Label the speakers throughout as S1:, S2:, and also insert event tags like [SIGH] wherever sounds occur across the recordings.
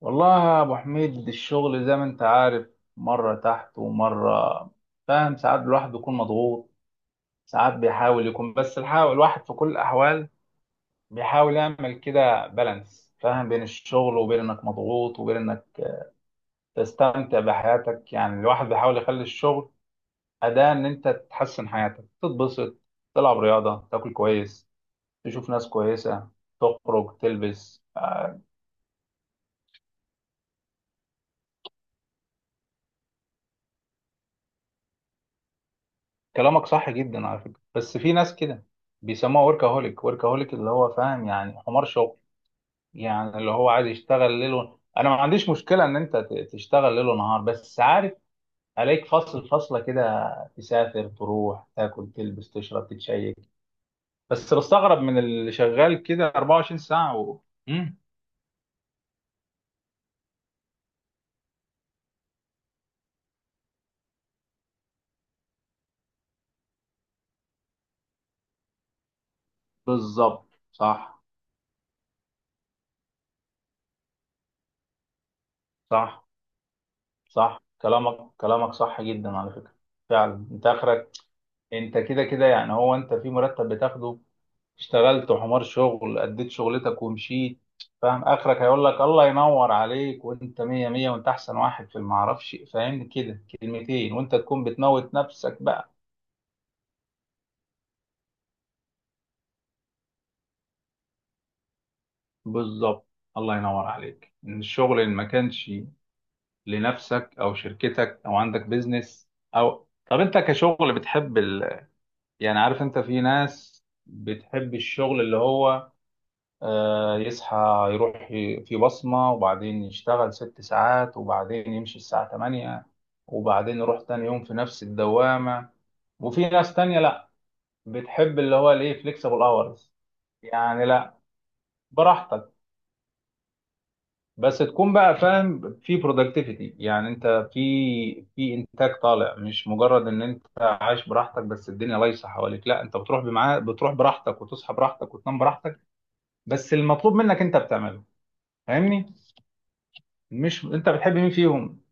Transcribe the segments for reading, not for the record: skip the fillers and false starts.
S1: والله يا ابو حميد، الشغل زي ما انت عارف، مره تحت ومره. فاهم، ساعات الواحد بيكون مضغوط، ساعات بيحاول يكون بس الحاول الواحد في كل الاحوال بيحاول يعمل كده بالانس، فاهم؟ بين الشغل وبين انك مضغوط وبين انك تستمتع بحياتك. يعني الواحد بيحاول يخلي الشغل اداة ان انت تحسن حياتك، تتبسط، تلعب رياضه، تاكل كويس، تشوف ناس كويسه، تخرج، تلبس. كلامك صح جدا على فكرة، بس في ناس كده بيسموها وركهوليك، وركهوليك اللي هو فاهم يعني حمار شغل. يعني اللي هو عايز يشتغل ليل انا ما عنديش مشكلة ان انت تشتغل ليل ونهار، بس عارف عليك فصل، فصلة كده، تسافر، تروح، تاكل، تلبس، تشرب، تتشيك. بس بستغرب من اللي شغال كده 24 ساعة مم. بالظبط. صح، صح، صح، كلامك كلامك صح جدا على فكرة. فعلا انت اخرك، انت كده كده يعني، هو انت في مرتب بتاخده، اشتغلت حمار شغل، اديت شغلتك ومشيت. فاهم؟ اخرك هيقول لك الله ينور عليك، وانت مية مية، وانت احسن واحد في المعرفش، فاهمني؟ كده كلمتين وانت تكون بتموت نفسك بقى. بالظبط. الله ينور عليك، ان الشغل اللي ما كانش لنفسك او شركتك، او عندك بيزنس، او طب انت كشغل بتحب يعني عارف، انت في ناس بتحب الشغل اللي هو يصحى، يروح في بصمة، وبعدين يشتغل ست ساعات، وبعدين يمشي الساعة تمانية، وبعدين يروح تاني يوم في نفس الدوامة. وفي ناس تانية لأ، بتحب اللي هو الإيه، فليكسبل أورز. يعني لأ، براحتك، بس تكون بقى فاهم في برودكتيفيتي، يعني أنت في في إنتاج طالع، مش مجرد إن أنت عايش براحتك بس. الدنيا ليسة حواليك، لأ، أنت بتروح بمعاه، بتروح براحتك، وتصحى براحتك، وتنام براحتك، بس المطلوب منك أنت بتعمله. فاهمني؟ مش انت بتحب مين فيهم؟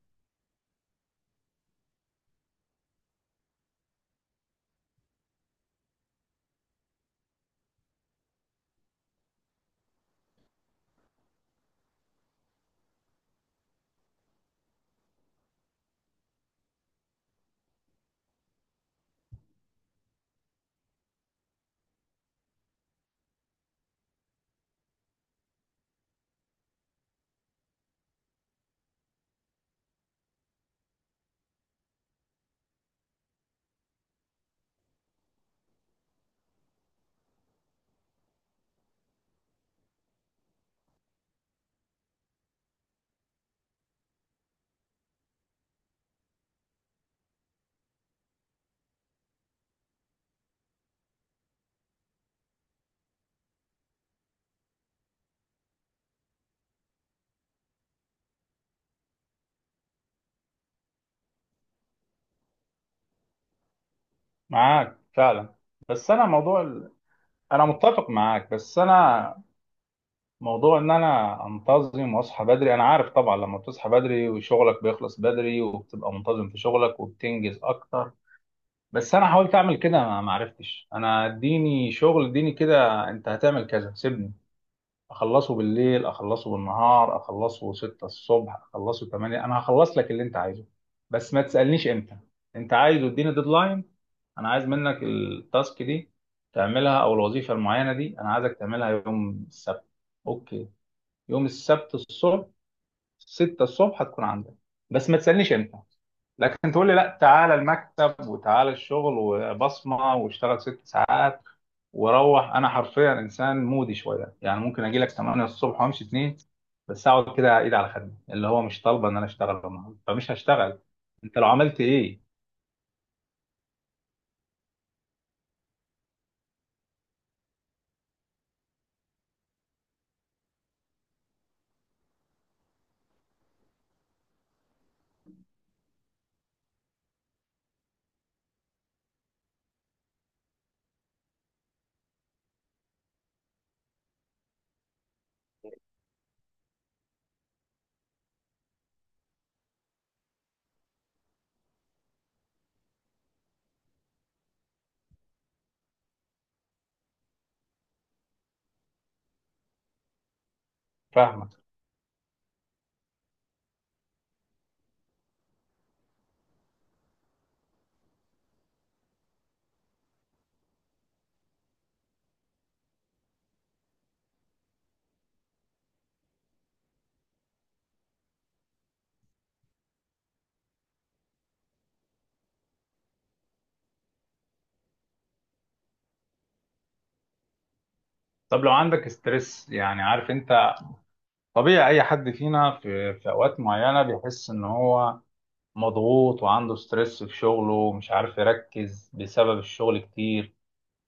S1: معاك فعلا. بس انا موضوع انا متفق معاك، بس انا موضوع ان انا انتظم واصحى بدري. انا عارف طبعا لما بتصحى بدري وشغلك بيخلص بدري وبتبقى منتظم في شغلك وبتنجز اكتر، بس انا حاولت اعمل كده ما عرفتش. انا اديني شغل، اديني كده، انت هتعمل كذا، سيبني اخلصه بالليل، اخلصه بالنهار، اخلصه 6 الصبح، اخلصه 8. انا هخلص لك اللي انت عايزه، بس ما تسالنيش امتى. انت عايز اديني ديدلاين، انا عايز منك التاسك دي تعملها، او الوظيفه المعينه دي انا عايزك تعملها يوم السبت. اوكي، يوم السبت الصبح 6 الصبح هتكون عندك، بس ما تسألنيش امتى. لكن تقول لي لا، تعالى المكتب، وتعالى الشغل، وبصمة، واشتغل ست ساعات واروح، انا حرفيا انسان مودي شويه، يعني ممكن اجي لك 8 الصبح وامشي 2، بس اقعد كده ايد على خدمي اللي هو مش طالبه ان انا اشتغل النهارده، فمش هشتغل. انت لو عملت ايه؟ فاهمك. طب لو عندك ستريس، يعني عارف انت، طبيعي اي حد فينا في اوقات معينه بيحس ان هو مضغوط وعنده ستريس في شغله ومش عارف يركز بسبب الشغل كتير،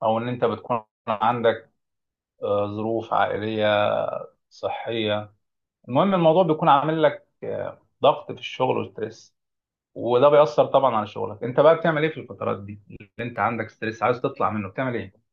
S1: او ان انت بتكون عندك ظروف عائلية، صحية. المهم الموضوع بيكون عامل لك ضغط في الشغل وستريس، وده بيأثر طبعا على شغلك. انت بقى بتعمل ايه في الفترات دي اللي انت عندك ستريس عايز تطلع منه، بتعمل ايه؟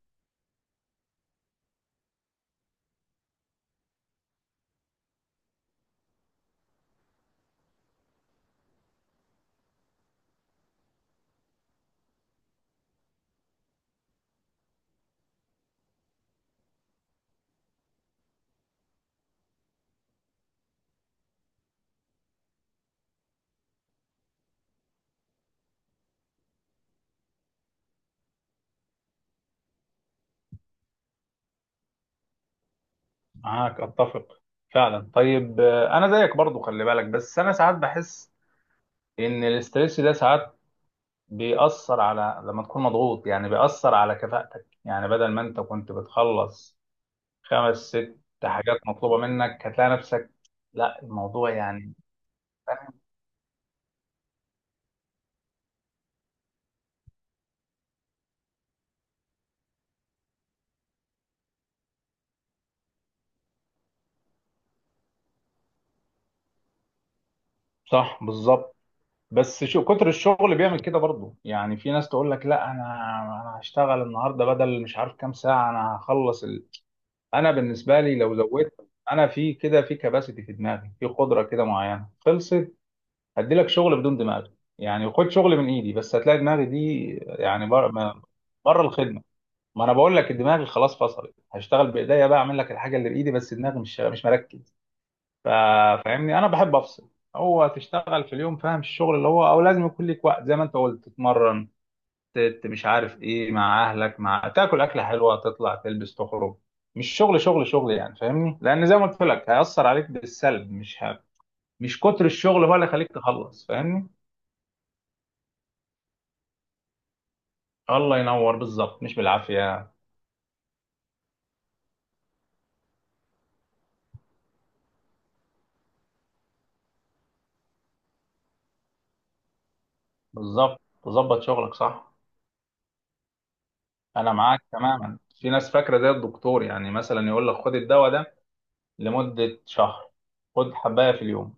S1: معاك اتفق فعلا. طيب، انا زيك برضو، خلي بالك، بس انا ساعات بحس ان الاستريس ده ساعات بيأثر على لما تكون مضغوط، يعني بيأثر على كفاءتك، يعني بدل ما انت كنت بتخلص خمس ست حاجات مطلوبة منك، هتلاقي نفسك لا، الموضوع يعني فاهم، صح بالظبط. بس شو كتر الشغل بيعمل كده برضه. يعني في ناس تقول لك لا، انا هشتغل النهارده بدل مش عارف كام ساعة، انا هخلص انا بالنسبة لي لو زودت انا في كده في كباسيتي، في دماغي، في قدرة كده معينة خلصت، هدي لك شغل بدون دماغ. يعني خد شغل من ايدي، بس هتلاقي دماغي دي يعني بره الخدمه. ما انا بقول لك دماغي خلاص فصلت، هشتغل بايديا بقى، اعمل لك الحاجه اللي بايدي، بس دماغي مش مركز. فاهمني، انا بحب افصل. هو تشتغل في اليوم، فاهم الشغل اللي هو، او لازم يكون ليك وقت زي ما انت قلت، تتمرن، مش عارف ايه، مع اهلك، مع تاكل اكله حلوه، تطلع، تلبس، تخرج، مش شغل شغل شغل، يعني فاهمني، لان زي ما قلت لك هيأثر عليك بالسلب، مش كتر الشغل هو اللي يخليك تخلص، فاهمني؟ الله ينور، بالظبط، مش بالعافية. بالظبط، تظبط شغلك، صح. أنا معاك تماما، في ناس فاكرة زي الدكتور يعني، مثلا يقول لك خد الدواء ده لمدة شهر، خد حباية في اليوم.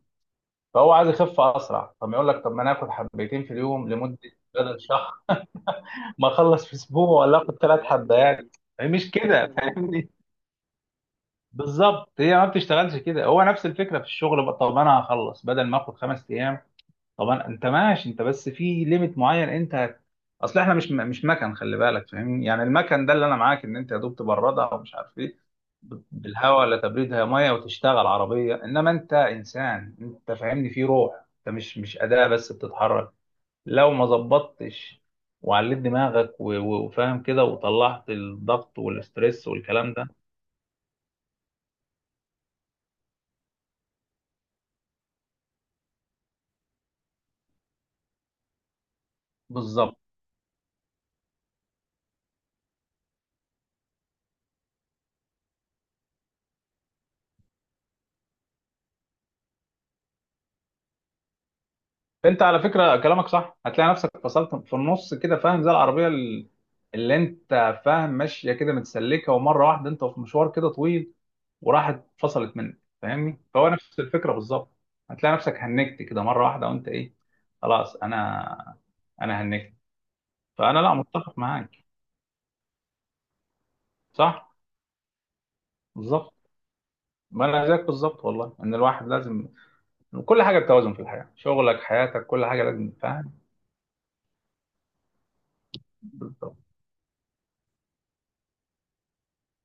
S1: فهو عايز يخف أسرع، طب يقول لك طب ما أنا آخد حبايتين في اليوم لمدة بدل شهر، [LAUGHS] ما أخلص في أسبوع، ولا آخد ثلاث حبايات. هي مش كده، فاهمني؟ بالظبط، هي ما بتشتغلش كده. هو نفس الفكرة في الشغل بقى، طب أنا هخلص بدل ما آخد خمس أيام. طبعا انت ماشي انت، بس في ليميت معين، انت اصل احنا مش مكن، خلي بالك، فاهمني، يعني المكن ده اللي انا معاك، ان انت يا دوب تبردها ومش عارف ايه، بالهواء، لا تبريدها ميه وتشتغل عربيه، انما انت انسان، انت فاهمني، في روح، انت مش اداه بس بتتحرك. لو ما ظبطتش وعليت دماغك وفاهم كده وطلعت الضغط والاسترس والكلام ده، بالظبط. انت على فكره كلامك صح، هتلاقي نفسك فصلت في النص كده، فاهم؟ زي العربيه اللي انت فاهم ماشيه كده متسلكه، ومره واحده انت في مشوار كده طويل وراحت فصلت منك، فاهمني؟ فهو نفس الفكره بالظبط. هتلاقي نفسك هنكت كده مره واحده، وانت ايه؟ خلاص، انا هنكت. فانا لا متفق معاك، صح، بالظبط. ما انا زيك بالظبط، والله ان الواحد لازم كل حاجه بتوازن في الحياه، شغلك، حياتك، كل حاجه لازم، فاهم؟ بالظبط،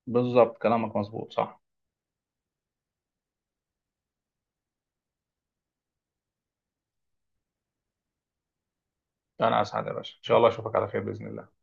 S1: بالظبط، كلامك مظبوط، صح. انا اسعد يا باشا، ان شاء الله اشوفك على خير باذن الله.